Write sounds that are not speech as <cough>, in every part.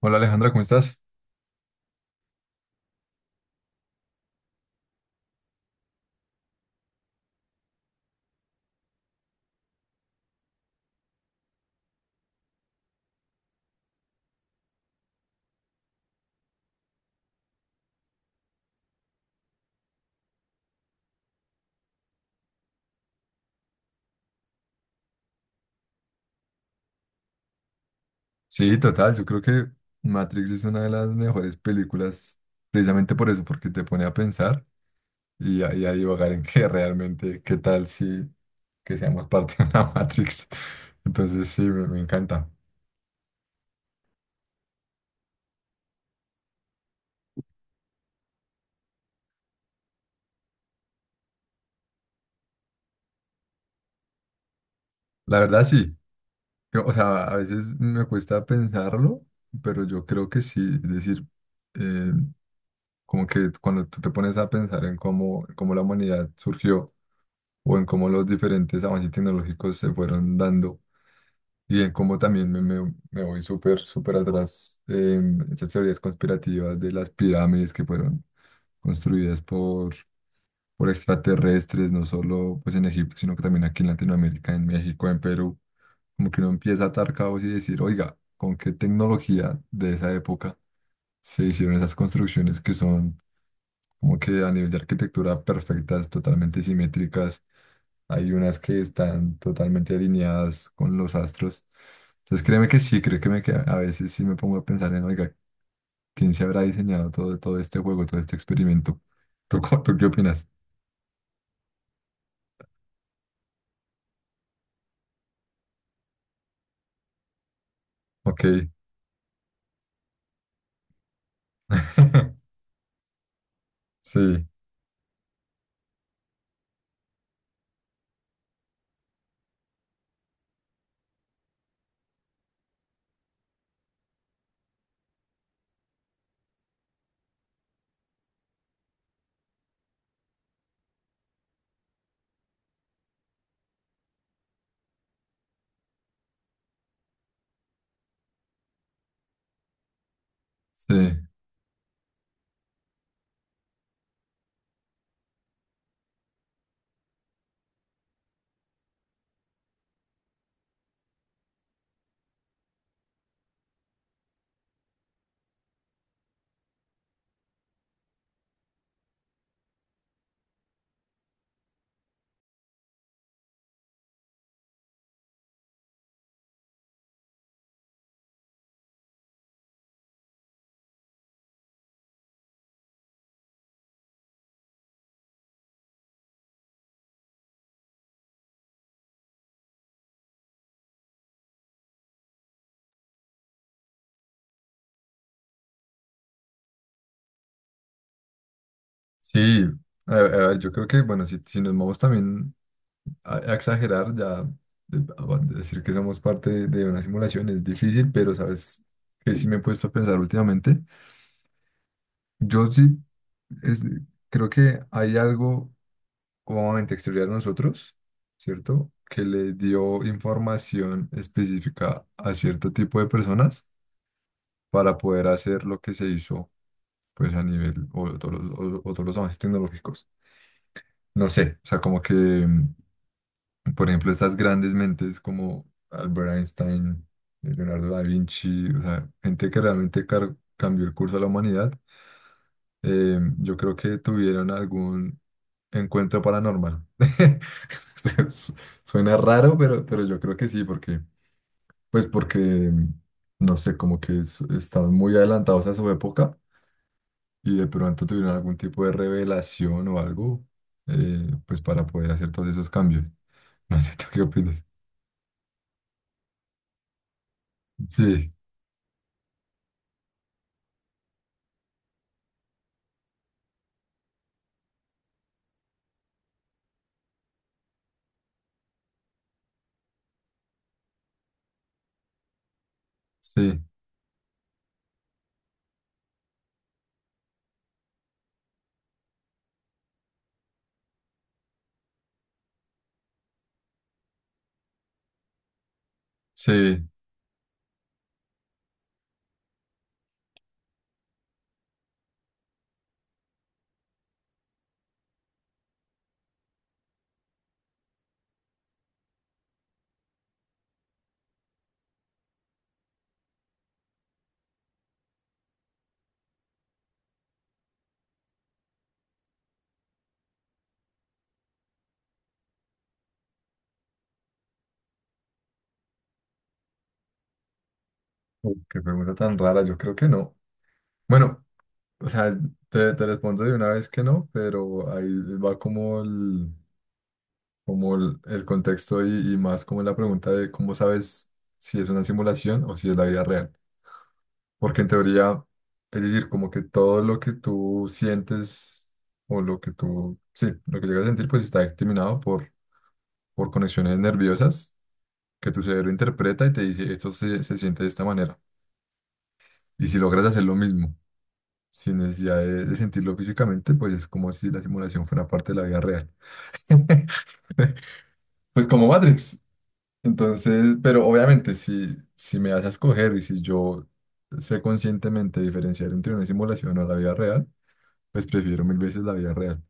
Hola Alejandra, ¿cómo estás? Sí, total, yo creo que Matrix es una de las mejores películas precisamente por eso, porque te pone a pensar y a divagar en <laughs> que realmente, qué tal si que seamos parte de una <laughs> Matrix. Entonces sí, me encanta. La verdad sí. O sea, a veces me cuesta pensarlo, pero yo creo que sí, es decir, eh, como que cuando tú te pones a pensar en cómo la humanidad surgió, o en cómo los diferentes avances tecnológicos se fueron dando, y en cómo también me voy súper atrás en estas teorías conspirativas de las pirámides que fueron construidas por extraterrestres, no solo pues en Egipto, sino que también aquí en Latinoamérica, en México, en Perú. Como que uno empieza a atar cabos y decir, oiga, ¿con qué tecnología de esa época se hicieron esas construcciones que son como que a nivel de arquitectura perfectas, totalmente simétricas? Hay unas que están totalmente alineadas con los astros. Entonces créeme que sí, creo que, que a veces sí me pongo a pensar en, oiga, ¿quién se habrá diseñado todo, todo este juego, todo este experimento? <laughs> ¿Tú, tú qué opinas? Ok. <laughs> Sí, sí, sí. A- yo creo que, bueno, si nos vamos también a exagerar, ya a decir que somos parte de una simulación es difícil, pero sabes que sí me he puesto a pensar últimamente. Yo sí es- creo que hay algo cómodamente exterior a nosotros, ¿cierto? Que le dio información específica a cierto tipo de personas para poder hacer lo que se hizo, pues a nivel o todos o todos los avances tecnológicos. No sé, o sea, como que, por ejemplo, estas grandes mentes como Albert Einstein, Leonardo da Vinci, o sea, gente que realmente cambió el curso de la humanidad. Yo creo que tuvieron algún encuentro paranormal. <laughs> Entonces, suena raro, pero yo creo que sí, porque, pues porque, no sé, como que estaban muy adelantados a su época y de pronto tuvieron algún tipo de revelación o algo. Pues para poder hacer todos esos cambios. <laughs> No sé, ¿tú qué opinas? Sí, sí, sí. Uy, qué pregunta tan rara, yo creo que no. Bueno, o sea, te respondo de una vez que no, pero ahí va como el, como el contexto y más como la pregunta de cómo sabes si es una simulación o si es la vida real. Porque en teoría, es decir, como que todo lo que tú sientes o lo que tú, sí, lo que llegas a sentir, pues está determinado por conexiones nerviosas que tu cerebro interpreta y te dice, esto se siente de esta manera. Y si logras hacer lo mismo sin necesidad de sentirlo físicamente, pues es como si la simulación fuera parte de la vida real. <laughs> Pues como Matrix. Entonces, pero obviamente si me das a escoger y si yo sé conscientemente diferenciar entre una simulación o la vida real, pues prefiero mil veces la vida real.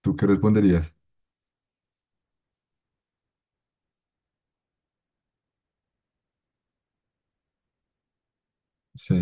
¿Tú qué responderías? Sí,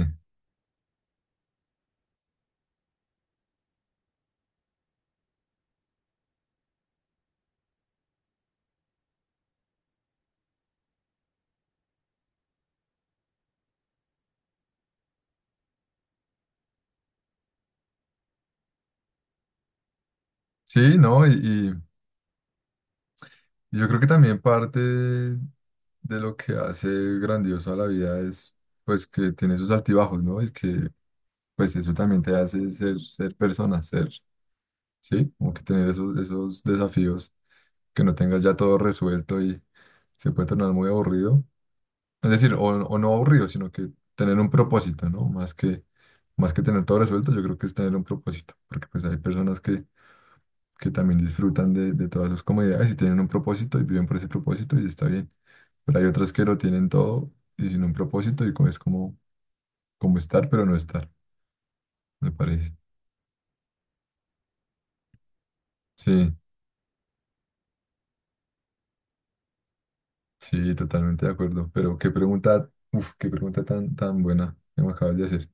sí, ¿no? Y yo creo que también parte de lo que hace grandioso a la vida es pues que tiene sus altibajos, ¿no? Y que pues eso también te hace ser, ser persona, ser. Sí, como que tener esos, esos desafíos, que no tengas ya todo resuelto y se puede tornar muy aburrido. Es decir, o no aburrido, sino que tener un propósito, ¿no? Más que tener todo resuelto, yo creo que es tener un propósito, porque pues hay personas que también disfrutan de todas sus comodidades y tienen un propósito y viven por ese propósito y está bien. Pero hay otras que lo tienen todo y sin un propósito y es como, como estar, pero no estar, me parece. Sí. Sí, totalmente de acuerdo. Pero qué pregunta, uf, qué pregunta tan, tan buena que me acabas de hacer.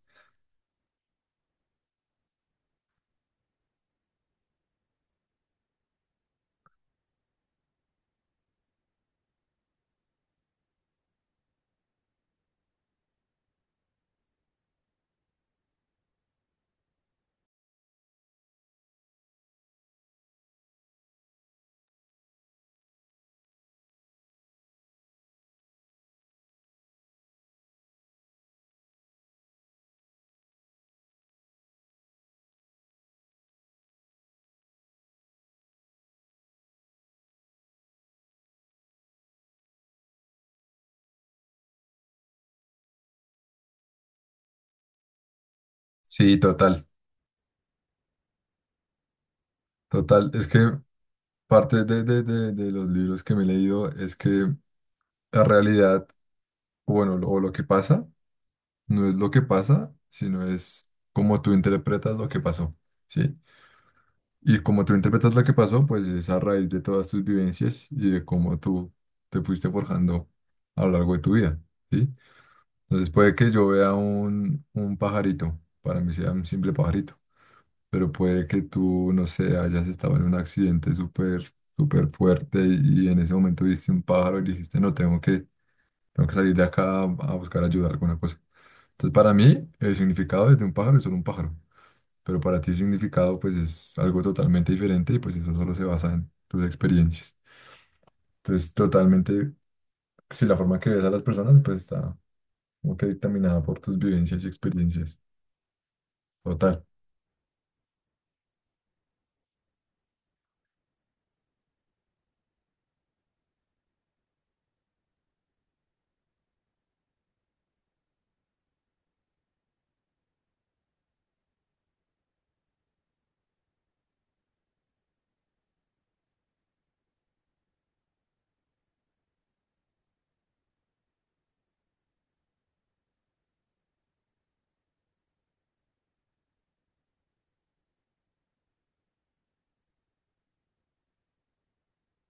Sí, total, total. Es que parte de los libros que me he leído es que la realidad, o bueno, o lo que pasa, no es lo que pasa, sino es cómo tú interpretas lo que pasó, ¿sí? Y como tú interpretas lo que pasó, pues es a raíz de todas tus vivencias y de cómo tú te fuiste forjando a lo largo de tu vida, ¿sí? Entonces puede que yo vea un pajarito, para mí sea un simple pajarito, pero puede que tú, no sé, hayas estado en un accidente súper fuerte y en ese momento viste un pájaro y dijiste, no, tengo que salir de acá a buscar ayuda, alguna cosa. Entonces para mí el significado de un pájaro es solo un pájaro, pero para ti el significado pues es algo totalmente diferente y pues eso solo se basa en tus experiencias. Entonces totalmente, si la forma que ves a las personas pues está como que dictaminada por tus vivencias y experiencias. Total.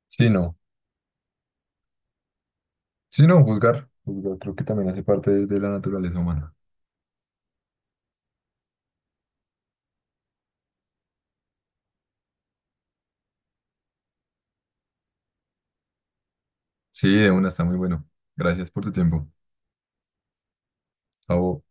Sí, no. Sí, no, juzgar. Juzgar creo que también hace parte de la naturaleza humana. Sí, de una, está muy bueno. Gracias por tu tiempo. Chao.